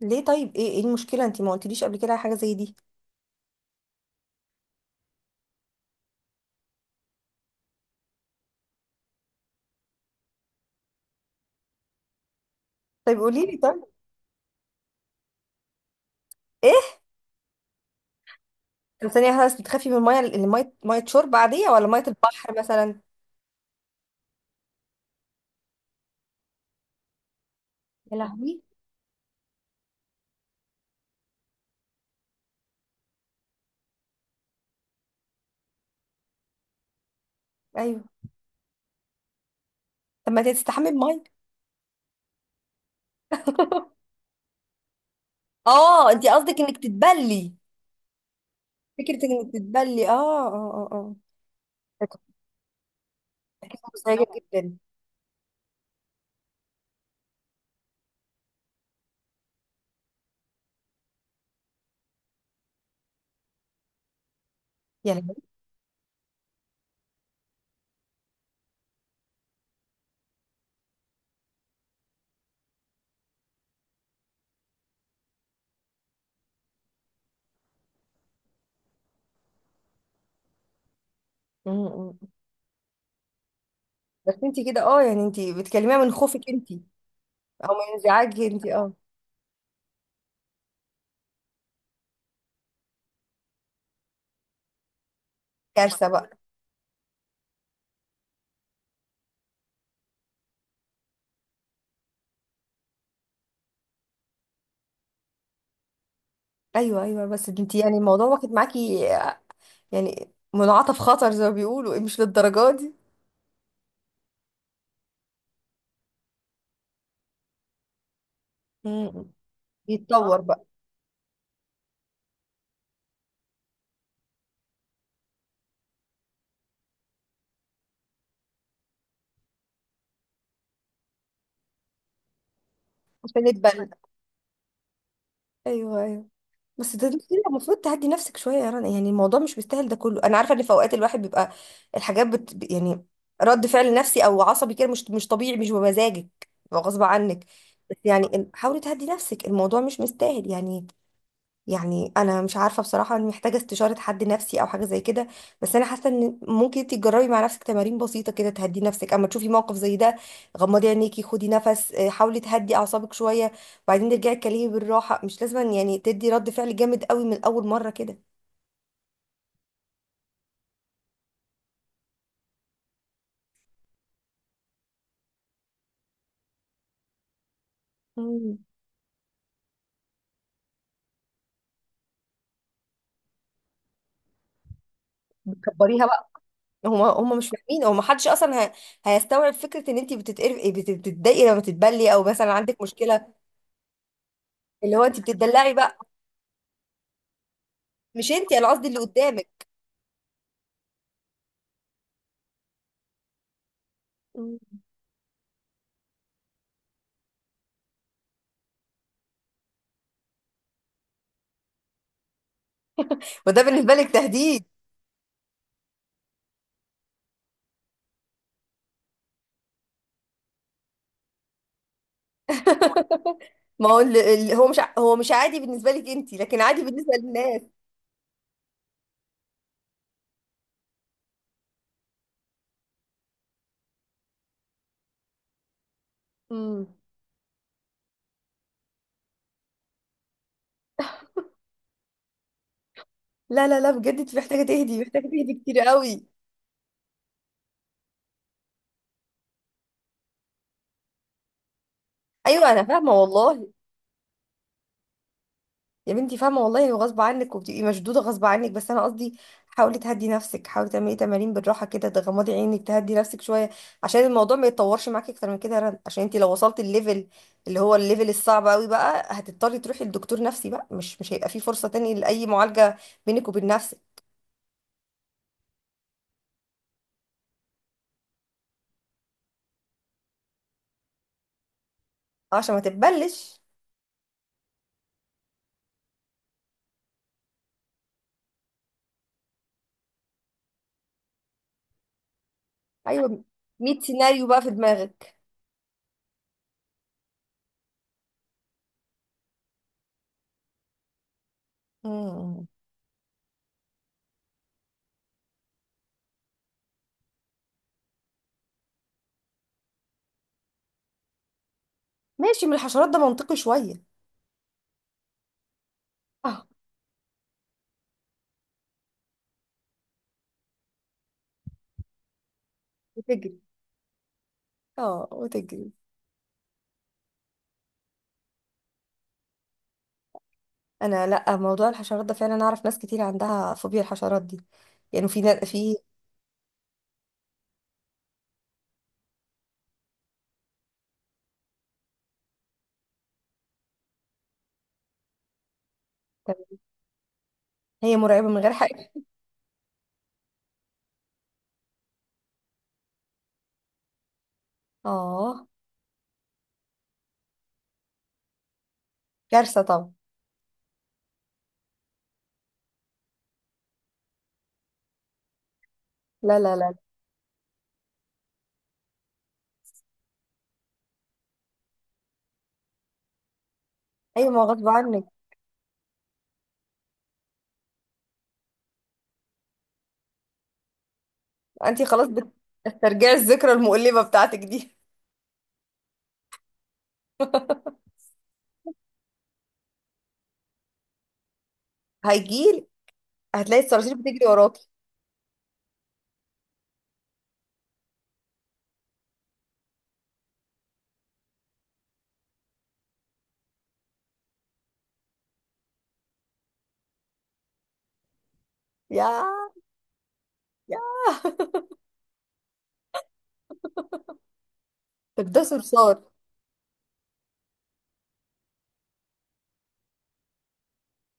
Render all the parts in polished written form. ليه طيب؟ ايه المشكله؟ انت ما قلتليش قبل كده على حاجه زي دي. طيب قولي لي. طيب. ايه؟ طب ثانيه واحدة بس، بتخافي من الميه اللي ميه شرب عاديه، ولا ميه البحر مثلا؟ يا لهوي. ايوه. طب ما انت تستحمي بميه. اه، انت قصدك انك تتبلي؟ فكره انك تتبلي، اه اه اه اه، فكرة مزعجه جدا. يا لهوي. م- م. بس انت كده اه، يعني انت بتكلميها من خوفك انت، او من انزعاجك انت؟ اه. كارثه بقى. ايوه ايوه، بس انت يعني الموضوع واخد معاكي يعني منعطف خطر زي ما بيقولوا، إيه، مش للدرجه دي. مم. يتطور بقى. عشان يتبنى. ايوه ايوه. بس ده كده المفروض تعدي نفسك شويه يا رنا، يعني الموضوع مش مستاهل ده كله. انا عارفه ان في اوقات الواحد بيبقى الحاجات بت... يعني رد فعل نفسي او عصبي كده مش طبيعي، مش بمزاجك، بيبقى غصب عنك. بس يعني حاولي تهدي نفسك، الموضوع مش مستاهل يعني. يعني انا مش عارفه بصراحه، انا محتاجه استشاره حد نفسي او حاجه زي كده. بس انا حاسه ان ممكن انت تجربي مع نفسك تمارين بسيطه كده تهدي نفسك اما تشوفي موقف زي ده. غمضي عينيكي، خدي نفس، آه، حاولي تهدي اعصابك شويه وبعدين ترجعي تكلمي بالراحه. مش لازم يعني تدي رد فعل جامد قوي من اول مره كده. مم. بتكبريها بقى. هم مش فاهمين، هو ما حدش اصلا هيستوعب فكره ان انت بتتقرفي، بتتضايقي لما تتبلي، او مثلا عندك مشكله. اللي هو انت بتتدلعي بقى. مش انت، انا قصدي اللي قدامك. مم. وده بالنسبه لك تهديد. ما هو هو مش ع- هو مش عادي بالنسبة لك انت، لكن عادي بالنسبة للناس. امم. لا لا لا، بجد انت محتاجة تهدي، محتاجة تهدي كتير قوي. ايوه انا فاهمة والله. يا بنتي فاهمة والله، وغصب عنك وبتبقي مشدودة غصب عنك، بس انا قصدي حاولي تهدي نفسك، حاولي تعملي تمارين بالراحة كده، تغمضي عينك، تهدي نفسك شوية، عشان الموضوع ما يتطورش معاكي اكتر من كده يا رنا. عشان انت لو وصلت الليفل اللي هو الليفل الصعب قوي بقى، هتضطري تروحي لدكتور نفسي بقى، مش مش هيبقى في فرصة تاني لأي معالجة بينك وبين نفسك. عشان ما تتبلش. ايوه. 100 سيناريو بقى في دماغك. مم. ماشي، من الحشرات ده منطقي شوية. اه وتجري اه وتجري. انا لا، موضوع الحشرات ده فعلا اعرف ناس كتير عندها فوبيا الحشرات دي، يعني في في، هي مرعبة من غير حقيقة. اه. كارثة طبعا. لا لا لا. ايوه، ما هو غصب عنك. انت خلاص بتسترجعي الذكرى المؤلمة بتاعتك دي. هيجيلك. هتلاقي الصراصير بتجري وراكي. يا يا بتدوسي بصار.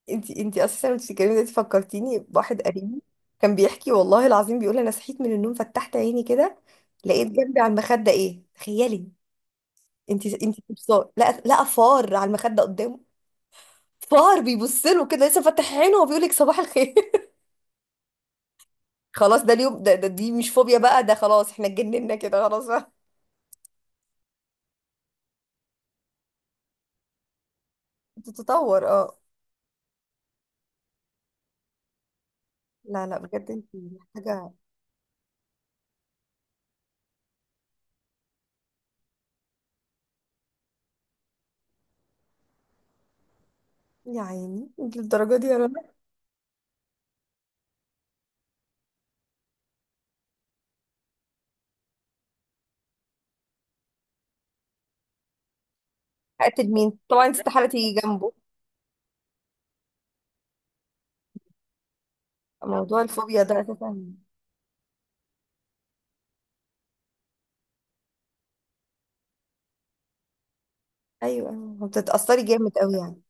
انتي اساسا وانتي بتتكلمي دلوقتي فكرتيني بواحد قريبي كان بيحكي، والله العظيم بيقول انا صحيت من النوم، فتحت عيني كده لقيت جنبي على المخده ايه، تخيلي. انتي تبصار، لا لا، فار على المخده قدامه. فار بيبص له كده لسه فاتح عينه وبيقول لك صباح الخير. خلاص ده اليوم ده، ده دي مش فوبيا بقى، ده خلاص احنا اتجننا كده خلاص بقى. بتتطور اه. لا لا بجد انتي محتاجه. يا عيني انتي للدرجه دي يا رنا. هقتل مين؟ طبعا انت استحاله تيجي جنبه. موضوع الفوبيا ده اساسا. ايوه أيوة. بتتاثري جامد قوي يعني.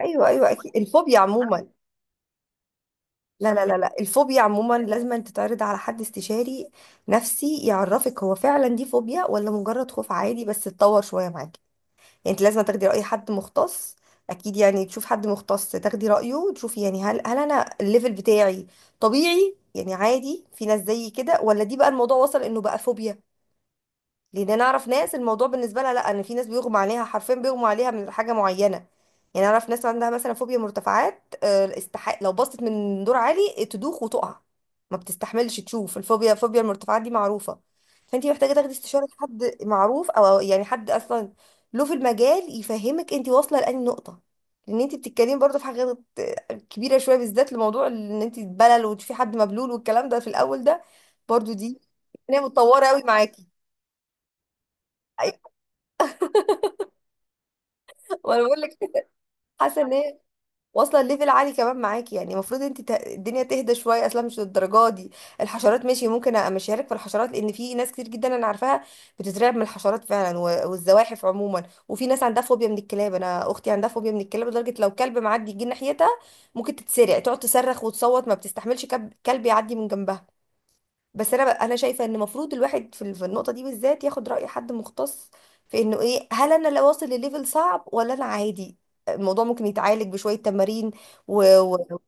ايوه ايوه اكيد، الفوبيا عموما. لا لا لا لا، الفوبيا عموما لازم أن تتعرض على حد استشاري نفسي يعرفك هو فعلا دي فوبيا، ولا مجرد خوف عادي بس اتطور شويه معاكي. يعني انت لازم تاخدي راي حد مختص، اكيد يعني تشوف حد مختص تاخدي رايه وتشوفي يعني هل انا الليفل بتاعي طبيعي يعني عادي، في ناس زيي كده، ولا دي بقى الموضوع وصل انه بقى فوبيا. لان انا اعرف ناس الموضوع بالنسبه لها لا، ان في ناس بيغمى عليها حرفيا، بيغمى عليها من حاجه معينه. يعني اعرف ناس عندها مثلا فوبيا مرتفعات، آه، استحق لو بصت من دور عالي تدوخ وتقع، ما بتستحملش تشوف. الفوبيا، فوبيا المرتفعات دي معروفه. فانت محتاجه تاخدي استشاره حد معروف، او يعني حد اصلا له في المجال يفهمك انت واصله لاني نقطه. لان انت بتتكلمي برضه في حاجات كبيره شويه، بالذات لموضوع ان انت تبلل وتشوفي حد مبلول والكلام ده في الاول ده برضه دي، هي متطوره قوي معاكي. وانا بقول لك حاسه ان هي واصله ليفل عالي كمان معاكي، يعني المفروض انت الدنيا تهدى شويه، اصلا مش للدرجه دي. الحشرات ماشي، ممكن امشيها لك في الحشرات، لان في ناس كتير جدا انا عارفاها بتترعب من الحشرات فعلا والزواحف عموما. وفي ناس عندها فوبيا من الكلاب، انا اختي عندها فوبيا من الكلاب لدرجه لو كلب معدي يجي ناحيتها ممكن تتسرع، تقعد تصرخ وتصوت، ما بتستحملش كلب يعدي من جنبها. بس انا بقى انا شايفه ان المفروض الواحد في في النقطه دي بالذات ياخد راي حد مختص في انه ايه، هل انا لو واصل لليفل صعب، ولا انا عادي؟ الموضوع ممكن يتعالج بشويه تمارين و... و...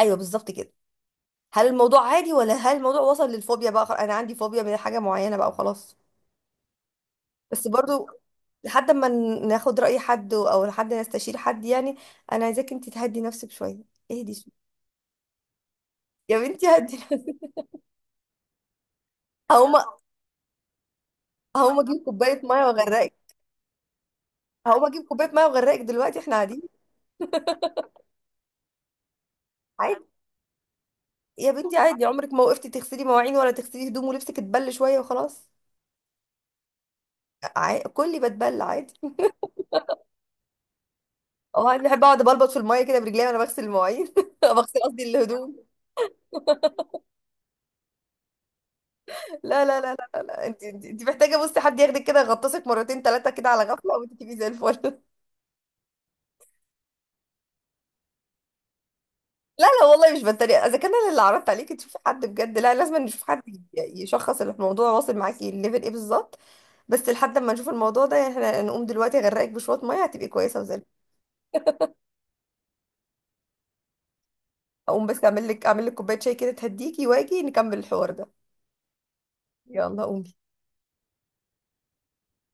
ايوه بالظبط كده. هل الموضوع عادي، ولا هل الموضوع وصل للفوبيا بقى؟ انا عندي فوبيا من حاجه معينه بقى وخلاص. بس برضو لحد ما ناخد راي حد، او لحد نستشير حد يعني. انا عايزاك انت تهدي نفسك شويه، اهدي شويه. يا بنتي هدي نفسك. هقوم، هقوم اجيب كوبايه ميه واغرقك. هقوم اجيب كوبايه ميه واغرقك دلوقتي احنا قاعدين. عادي يا بنتي، عادي، عمرك ما وقفتي تغسلي مواعين ولا تغسلي هدوم ولبسك اتبل شويه وخلاص؟ كلي بتبل عادي. اه انا بحب اقعد بلبط في الميه كده برجلي وانا بغسل المواعين، بغسل قصدي الهدوم. لا. انت محتاجه، بصي، حد ياخدك كده يغطسك مرتين ثلاثه كده على غفله وانت تبقي زي الفل. لا لا والله مش بتريق، اذا كان انا اللي عرضت عليكي تشوفي حد بجد، لا لازم نشوف حد يشخص الموضوع واصل معاكي الليفل ايه بالظبط. بس لحد ما نشوف الموضوع ده يعني احنا نقوم دلوقتي اغرقك بشويه ميه هتبقي كويسه وزي. اقوم بس اعمل لك، اعمل لك كوبايه شاي كده تهديكي، واجي نكمل الحوار ده. يلا قومي.